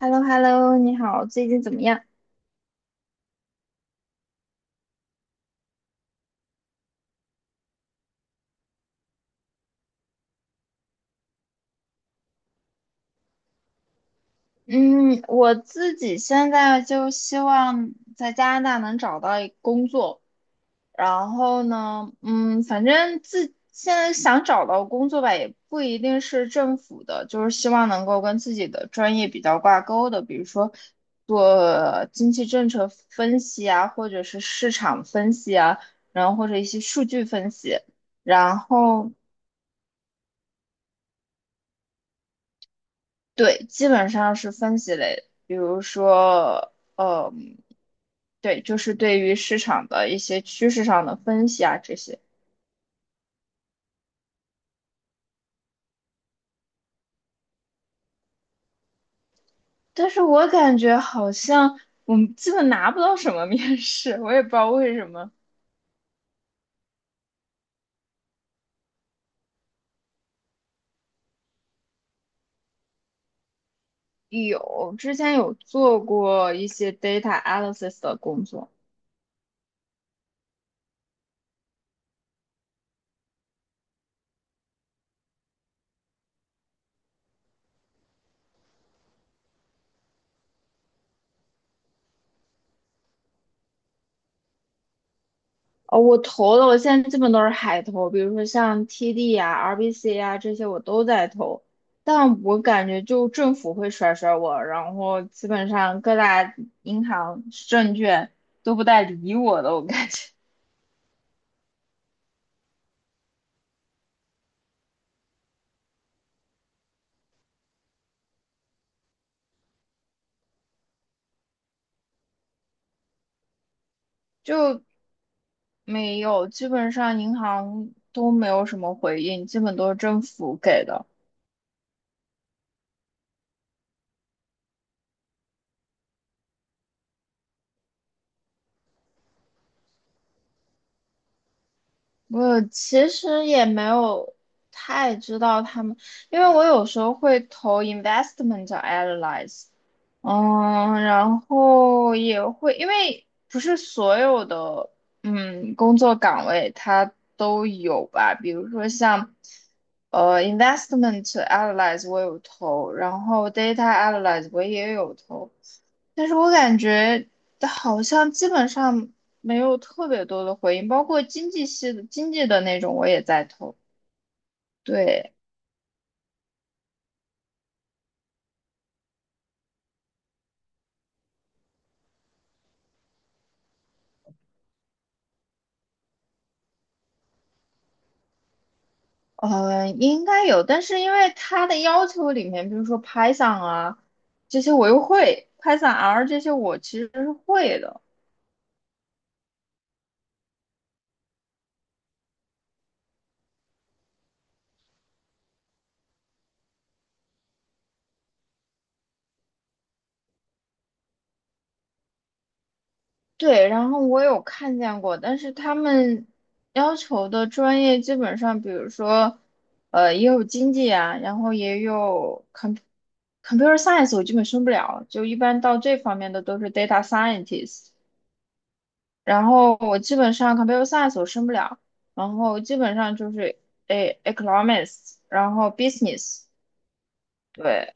h e l l o 你好，最近怎么样？嗯，我自己现在就希望在加拿大能找到一工作，然后呢，反正自现在想找到工作吧，也不一定是政府的，就是希望能够跟自己的专业比较挂钩的，比如说做经济政策分析啊，或者是市场分析啊，然后或者一些数据分析，然后。对，基本上是分析类的比如说，嗯，对，就是对于市场的一些趋势上的分析啊这些。但是我感觉好像我们基本拿不到什么面试，我也不知道为什么。有，之前有做过一些 data analysis 的工作，哦，我投的，我现在基本都是海投，比如说像 TD 啊、RBC 啊这些我都在投，但我感觉就政府会甩甩我，然后基本上各大银行、证券都不带理我的，我感觉就没有，基本上银行都没有什么回应，基本都是政府给的。我其实也没有太知道他们，因为我有时候会投 investment analyze，然后也会，因为不是所有的工作岗位它都有吧，比如说像investment analyze 我有投，然后 data analyze 我也有投，但是我感觉好像基本上没有特别多的回应，包括经济系的经济的那种我也在投。对，应该有，但是因为他的要求里面，比如说 Python 啊这些我又会，Python R 这些我其实是会的。对，然后我有看见过，但是他们要求的专业基本上，比如说，也有经济啊，然后也有 computer science，我基本升不了，就一般到这方面的都是 data scientist。然后我基本上 computer science 我升不了，然后基本上就是economics，然后 business。对，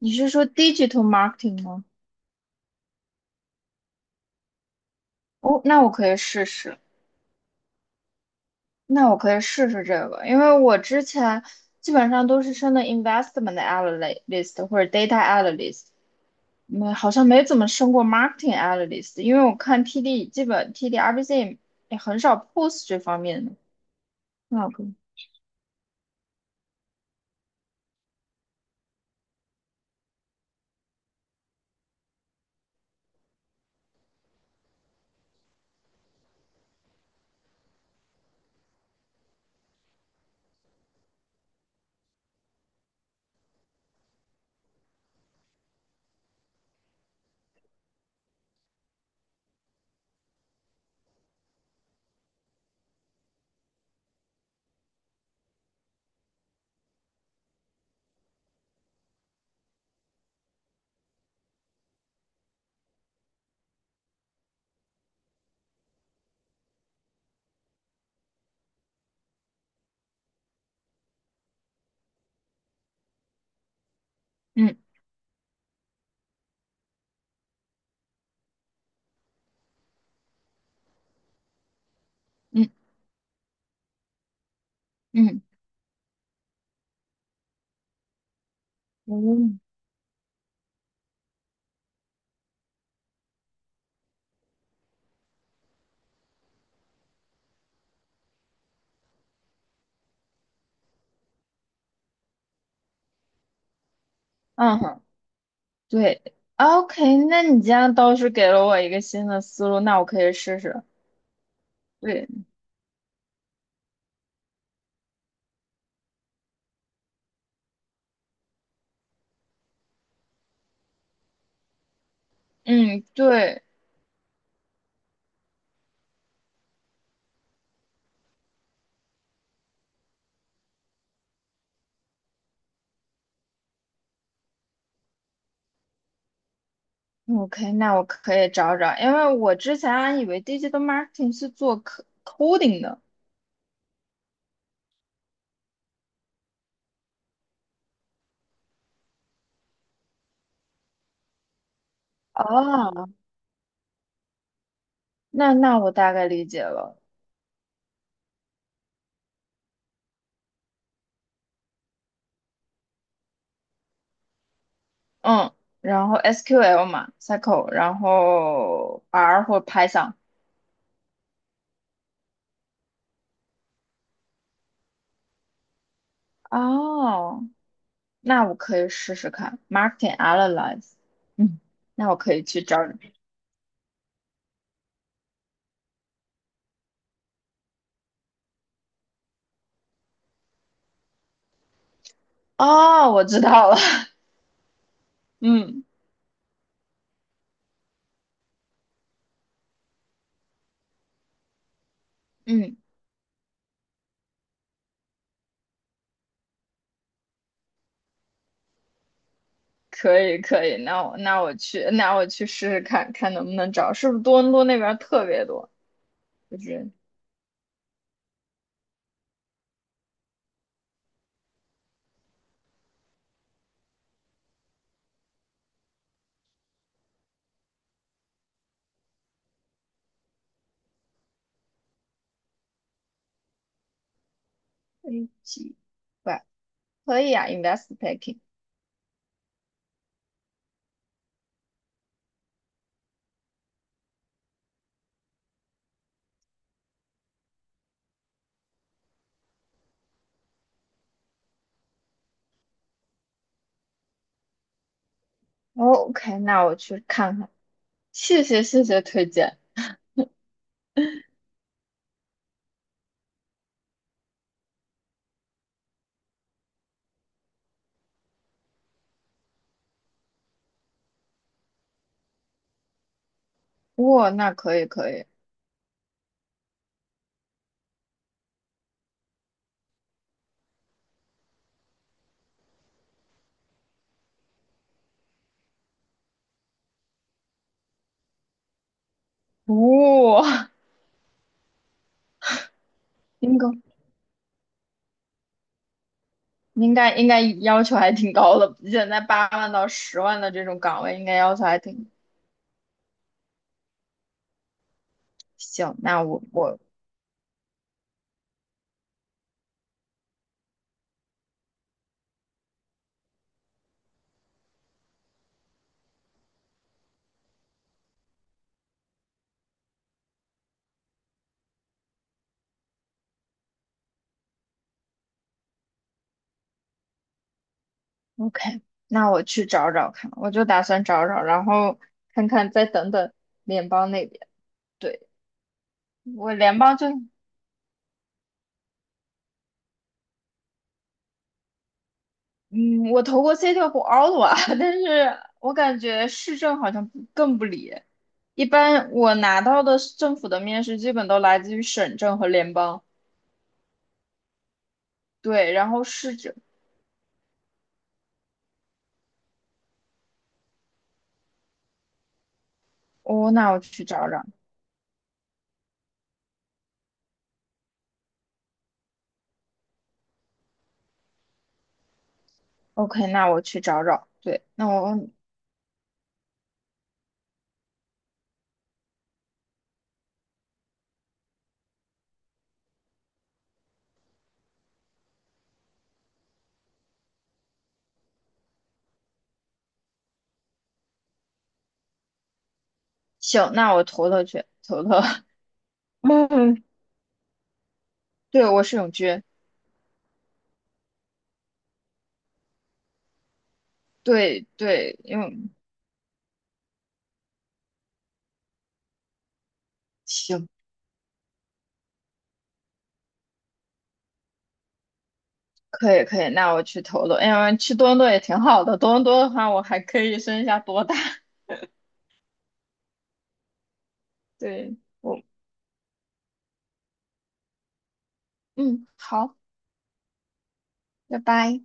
你是说 digital marketing 吗？哦，那我可以试试。那我可以试试这个，因为我之前基本上都是升的 investment analyst 或者 data analyst，好像没怎么升过 marketing analyst，因为我看 TD 基本 TD RBC 也很少 post 这方面的。那我可以，嗯嗯嗯嗯，嗯哼对，OK，那你这样倒是给了我一个新的思路，那我可以试试。对，嗯对。OK，那我可以找找，因为我之前还以为 digital marketing 是做 c d i n g 的，哦，那我大概理解了。嗯，然后 SQL 嘛，SQL，然后 R 或 Python。哦，那我可以试试看 marketing analyze。嗯，那我可以去找找。哦，我知道了。嗯嗯，可以可以，那我那我去试试看看能不能找，是不是多伦多那边儿特别多？就是飞机吧，可以啊，invest packing。OK，那我去看看。谢谢谢谢推荐。哇、那可以可以。哇、应该应该要求还挺高的，现在8万到10万的这种岗位应该要求还挺。行，那我 OK，那我去找找看，我就打算找找，然后看看再等等联邦那边。对，我联邦就嗯，我投过 City 和 Ottawa，但是我感觉市政好像不更不理。一般我拿到的政府的面试，基本都来自于省政和联邦。对，然后市政，哦，那我去找找。OK，那我去找找。对，那我行，那我投投去，投投。嗯，对，我是永居。对对，因为行，可以可以，那我去投投。哎呀，去多伦多也挺好的，多伦多的话，我还可以升一下多大。对。我。嗯，好。拜拜。